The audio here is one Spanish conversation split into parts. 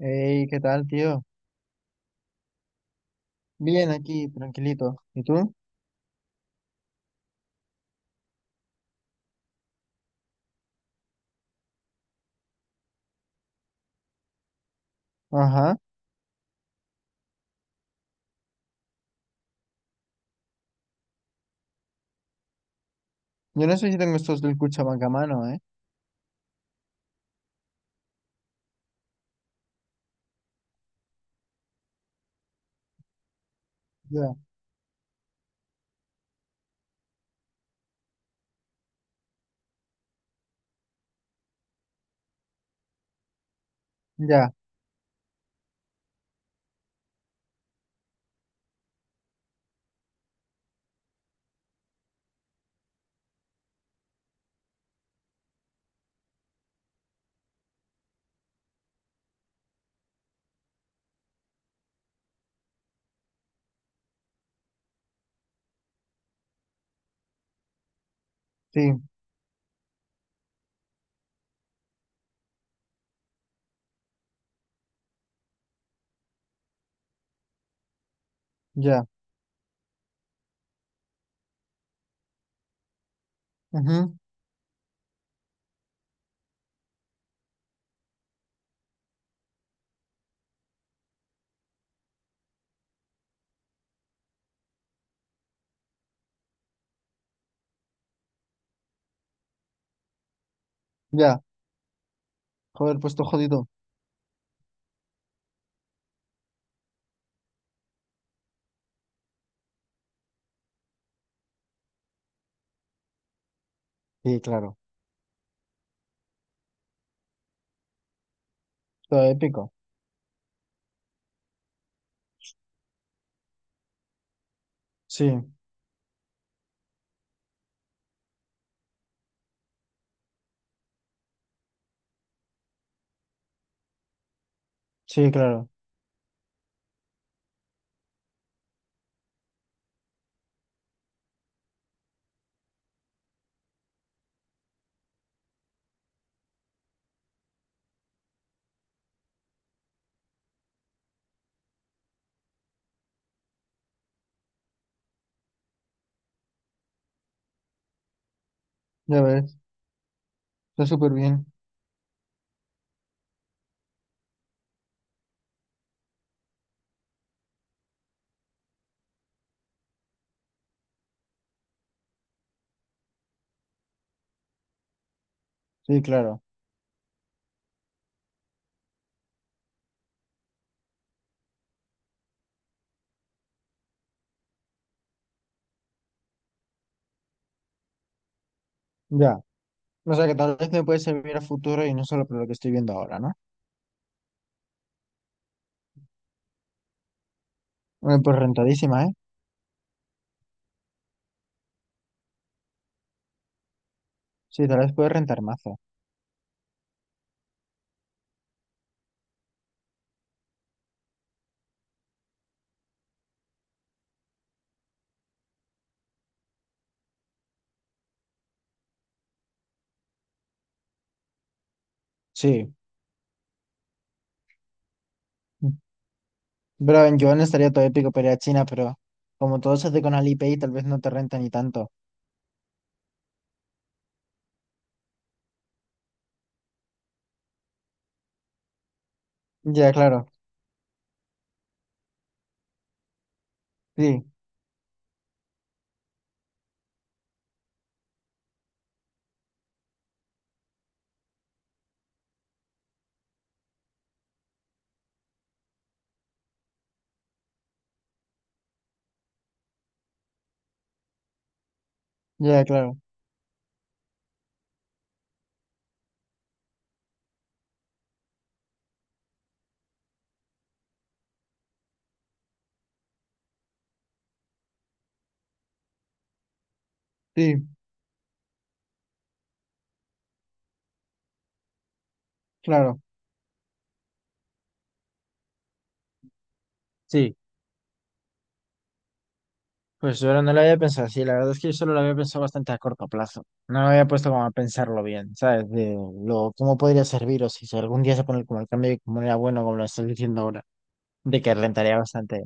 Hey, ¿qué tal, tío? Bien, aquí, tranquilito. ¿Y tú? Ajá. Yo no sé si tengo estos del Cuchamagamano, ¿eh? Ya, ya, sí, ya, ujú, ya. Joder, pues todo jodido. Sí, claro. Todo épico. Sí, sí, claro. Ya ves, está súper bien. Sí, claro, ya. O sea que tal vez me puede servir a futuro y no solo por lo que estoy viendo ahora, ¿no? Bueno, pues rentadísima, ¿eh? Sí, tal vez puede rentar mazo. Sí. Bro, en Joan estaría todo épico para ir a China, pero como todo se hace con Alipay, tal vez no te renta ni tanto. Ya, claro. Sí, ya, claro. Sí, claro. Sí, pues yo no lo había pensado así. La verdad es que yo solo lo había pensado bastante a corto plazo. No me había puesto como a pensarlo bien, ¿sabes? De cómo podría servir o si algún día se pone como el cambio y como era bueno, como lo estás diciendo ahora, de que rentaría bastante.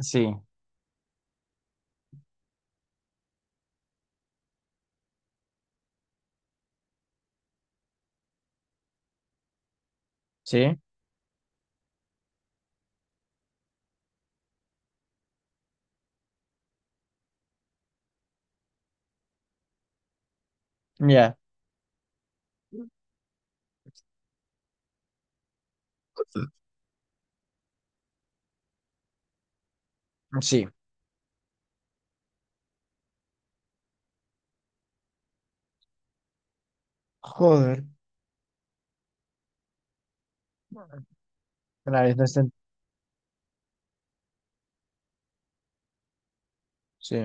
Sí, sí, ya, sí. Joder. La vez no está en- Sí.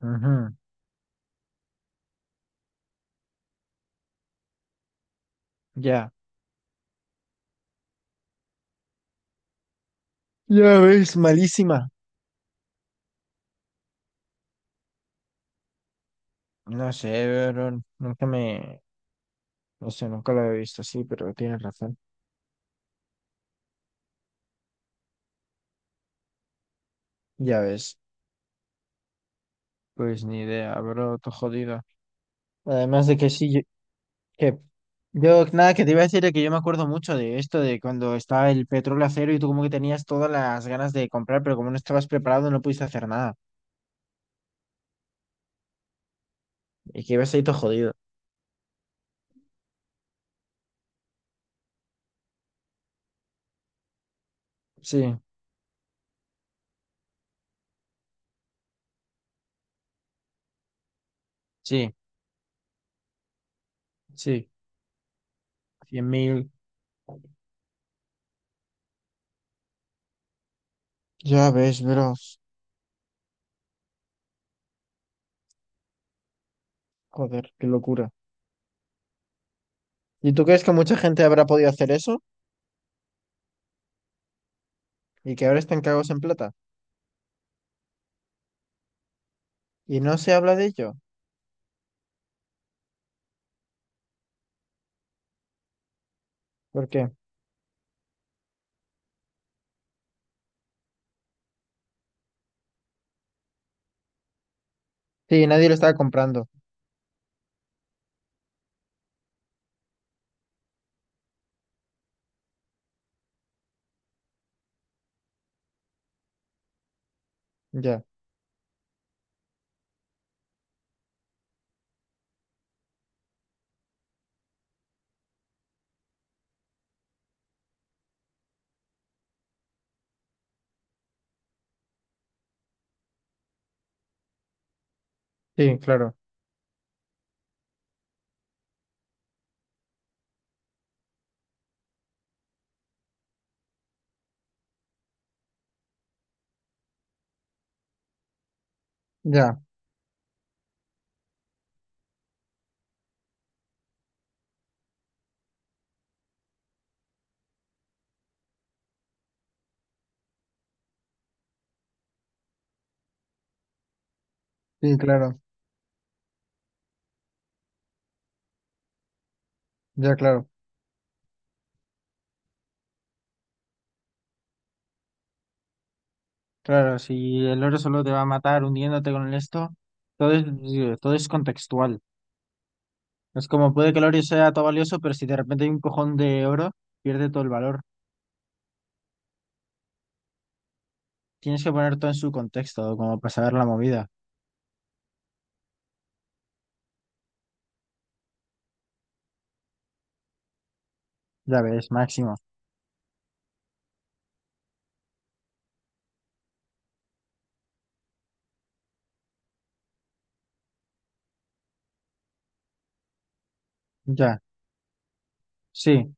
Ujú, ya. Ya ves, malísima. No sé, pero nunca me... No sé, nunca lo he visto así, pero tienes razón. Ya ves, pues ni idea, bro, todo jodido. Además de que sí, yo- que yo nada, que te iba a decir de que yo me acuerdo mucho de esto, de cuando estaba el petróleo a cero y tú como que tenías todas las ganas de comprar, pero como no estabas preparado no pudiste hacer nada. Y que ibas ahí todo jodido. Sí, sí, sí, 100.000. Ya ves, bro. Joder, qué locura. ¿Y tú crees que mucha gente habrá podido hacer eso? Y que ahora están cagados en plata. Y no se habla de ello. ¿Por qué? Sí, nadie lo estaba comprando. Ya, sí, claro, ya, sí, claro, ya, claro, claro, si el oro solo te va a matar hundiéndote con el esto, todo es, digo, todo es contextual. Es como puede que el oro sea todo valioso, pero si de repente hay un cojón de oro, pierde todo el valor. Tienes que poner todo en su contexto, como para saber la movida. Ya ves, máximo. Ya, sí,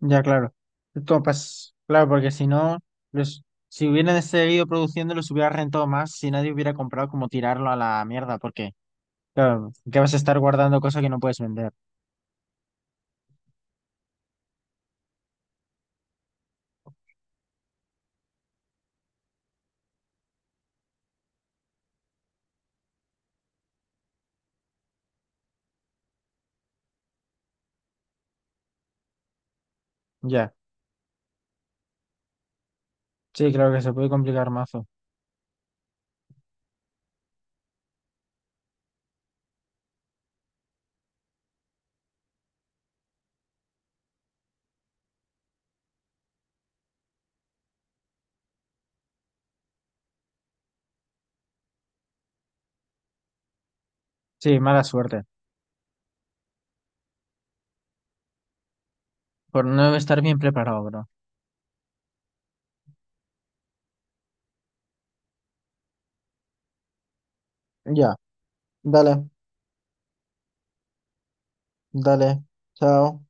ya, claro. Esto pas- claro, porque si no, los, si hubieran seguido produciendo, los hubiera rentado más, si nadie hubiera comprado como tirarlo a la mierda, porque claro, que vas a estar guardando cosas que no puedes vender. Ya. Sí, claro que se puede complicar mazo. Sí, mala suerte. Por no estar bien preparado, bro. Ya, dale, dale, chao.